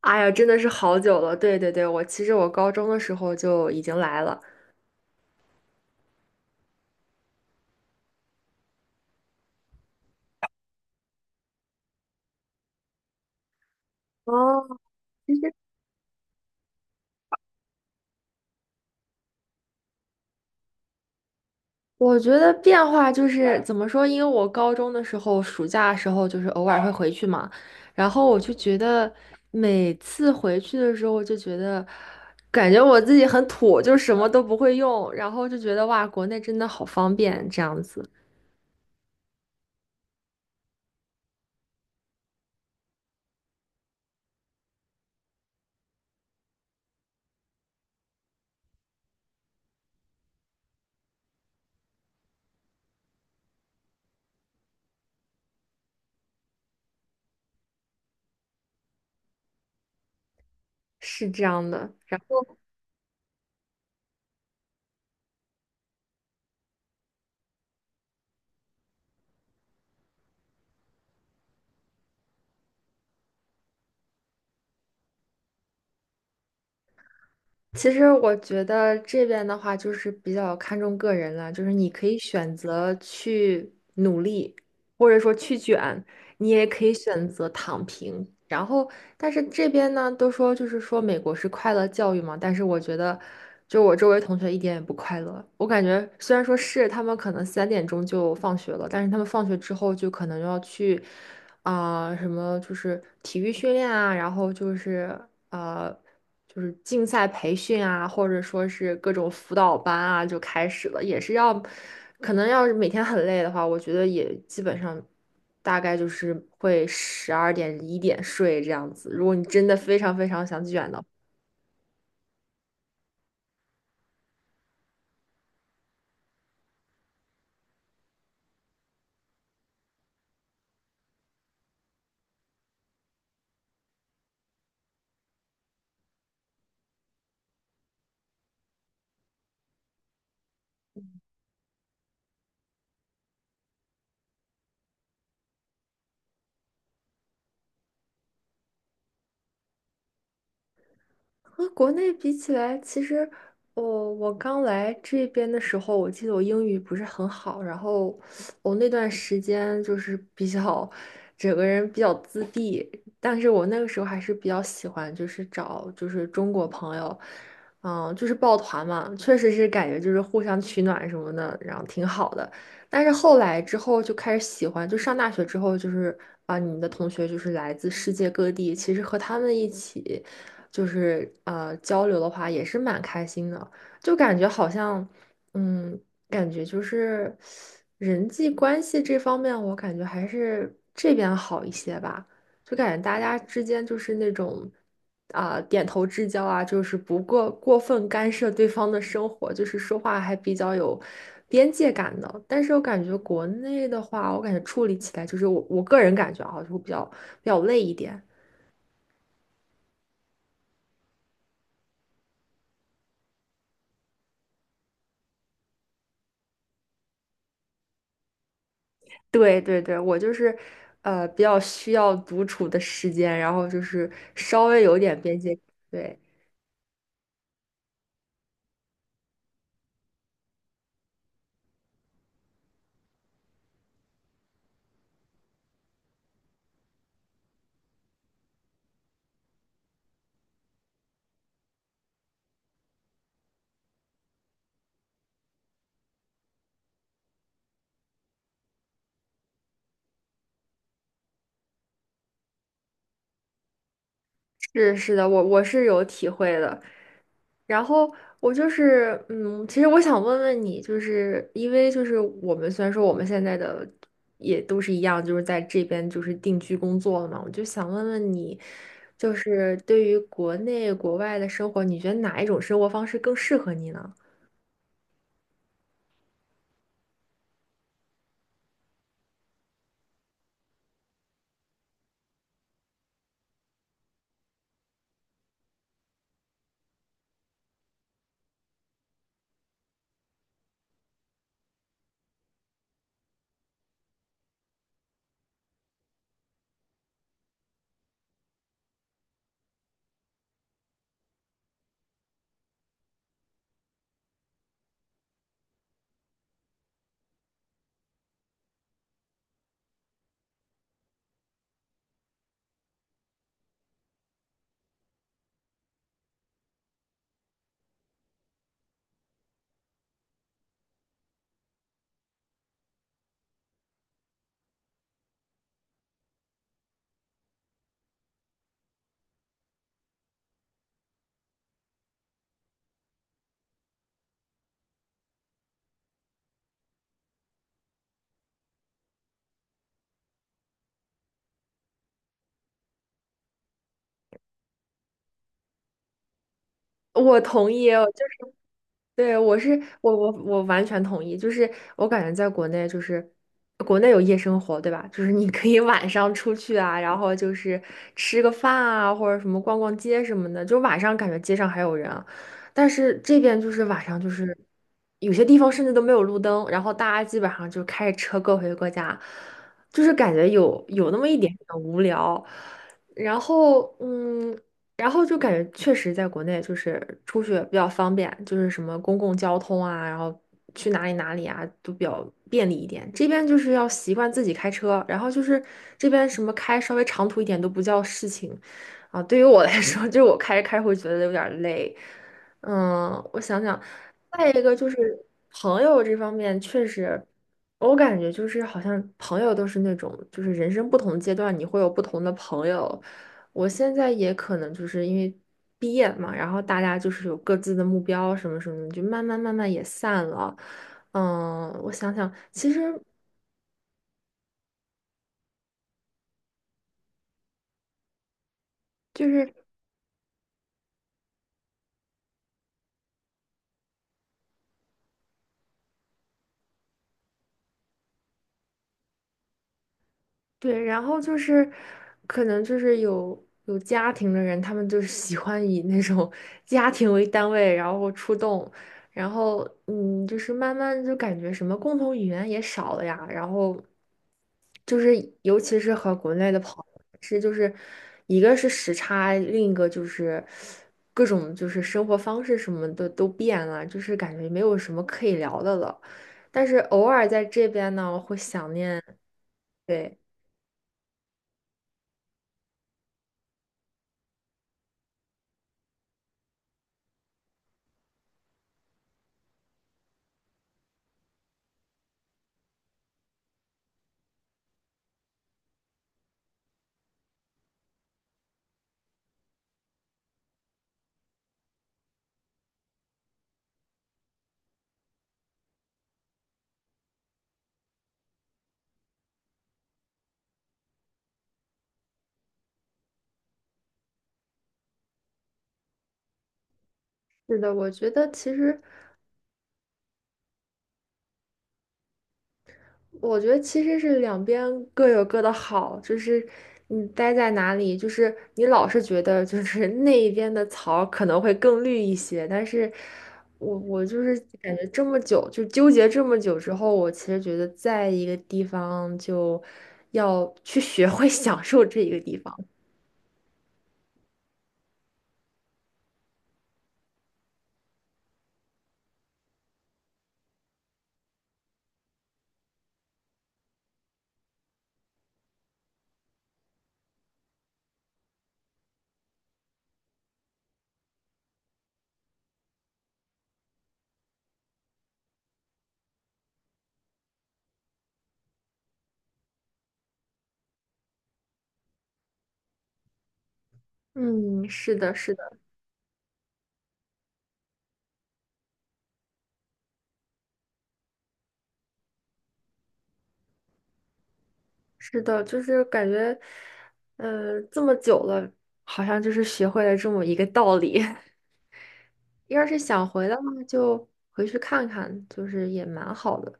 哎呀，真的是好久了。对对对，我其实高中的时候就已经来了。哦，我觉得变化就是怎么说？因为我高中的时候，暑假的时候就是偶尔会回去嘛，然后我就觉得每次回去的时候，我就觉得感觉我自己很土，就什么都不会用，然后就觉得哇，国内真的好方便，这样子是这样的。其实我觉得这边的话，就是比较看重个人了，就是你可以选择去努力，或者说去卷，你也可以选择躺平。然后，但是这边呢，都说就是说美国是快乐教育嘛，但是我觉得，就我周围同学一点也不快乐。我感觉虽然说是他们可能三点钟就放学了，但是他们放学之后就可能要去啊、什么就是体育训练啊，然后就是呃就是竞赛培训啊，或者说是各种辅导班啊就开始了，也是要可能要是每天很累的话，我觉得也基本上。大概就是会十二点一点睡这样子。如果你真的非常非常想卷的和国内比起来，其实我刚来这边的时候，我记得我英语不是很好，然后我那段时间就是比较整个人比较自闭，但是我那个时候还是比较喜欢，就是找就是中国朋友，嗯，就是抱团嘛，确实是感觉就是互相取暖什么的，然后挺好的。但是后来之后就开始喜欢，就上大学之后就是啊，你的同学就是来自世界各地，其实和他们一起。就是交流的话，也是蛮开心的，就感觉好像，嗯，感觉就是人际关系这方面，我感觉还是这边好一些吧，就感觉大家之间就是那种啊、点头之交啊，就是不过过分干涉对方的生活，就是说话还比较有。边界感的，但是我感觉国内的话，我感觉处理起来就是我个人感觉啊，就会比较比较累一点。对对对，我就是，比较需要独处的时间，然后就是稍微有点边界。对，是是的，我是有体会的。然后我就是，嗯，其实我想问问你，就是因为就是我们虽然说我们现在的也都是一样，就是在这边就是定居工作了嘛，我就想问问你，就是对于国内国外的生活，你觉得哪一种生活方式更适合你呢？我同意，就是对，我是我我我完全同意，就是我感觉在国内就是国内有夜生活，对吧？就是你可以 晚上出去啊，然后就是吃个饭啊，或者什么逛逛街什么的，就晚上感觉街上还有人啊但是这边就是晚上就是有些地方甚至都没有路灯，然后大家基本上就开着车各回各家，就是感觉有那么一点点无聊。然后，嗯，然后就感觉确实在国内就是出去比较方便，就是什么公共交通啊，然后去哪里哪里啊都比较便利一点。这边就是要习惯自己开车，然后就是这边什么开稍微长途一点都不叫事情啊。对于我来说，就是我开着开着会觉得有点儿累。嗯，我想想，再一个就是朋友这方面，确实我感觉就是好像朋友都是那种就是人生不同阶段你会有不同的朋友。我现在也可能就是因为毕业嘛，然后大家就是有各自的目标什么什么，就慢慢慢慢也散了。嗯，我想想，其实就是对，然后就是可能就是有家庭的人，他们就是喜欢以那种 家庭为单位，然后出动，然后嗯，就是慢慢就感觉什么共同语言也少了呀，然后。就是尤其是和国内的朋友是，就是一个是时差，另一个就是各种就是生活方式什么的都变了，就是感觉没有什么可以聊的了。但是偶尔在这边呢，会想念，对，是的，我觉得其实。我觉得其实是两边各有各的好，就是你待在哪里，就是你老是觉得就是那一边的草可能会更绿一些，但是我就是感觉这么久就纠结这么久之后，我其实觉得在一个地方就要去学会 享受这一个地方。嗯，是的，是的，是的，就是感觉，这么久了，好像就是学会了这么一个道理。要是想回的话，就回去看看，就是也蛮好的。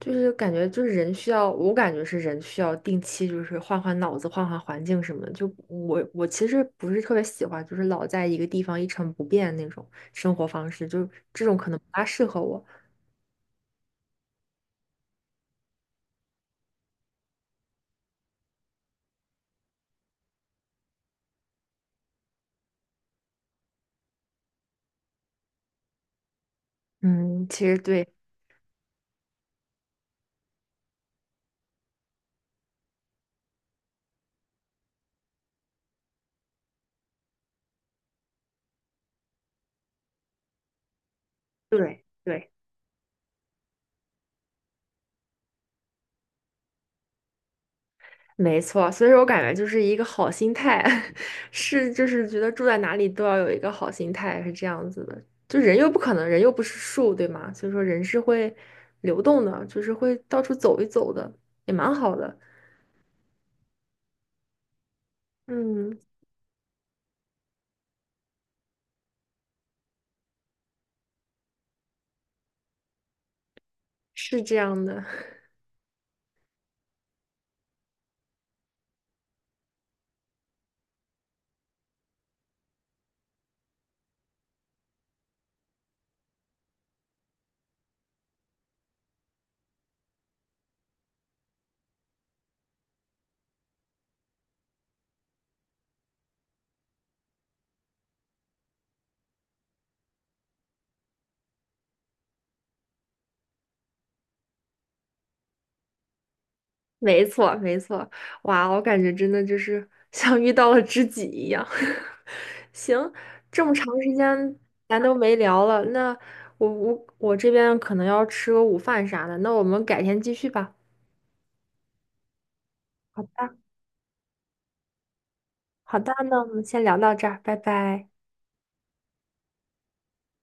就是感觉就是人需要，我感觉是人需要定期就是换换脑子、换换环境什么的。就我其实不是特别喜欢，就是老在一个地方一成不变那种生活方式，就这种可能不大适合我。嗯，其实对对对。没错，所以说我感觉就是一个好心态，是就是觉得住在哪里都要有一个好心态，是这样子的。就人又不可能，人又不是树，对吗？所以说人是会流动的，就是会到处走一走的，也蛮好的。嗯，是这样的。没错，没错，哇，我感觉真的就是 像遇到了知己一样。行，这么长时间咱都没聊了，那我这边可能要吃个午饭啥的，那我们改天继续吧。好的，好的，那我们先聊到这儿，拜拜。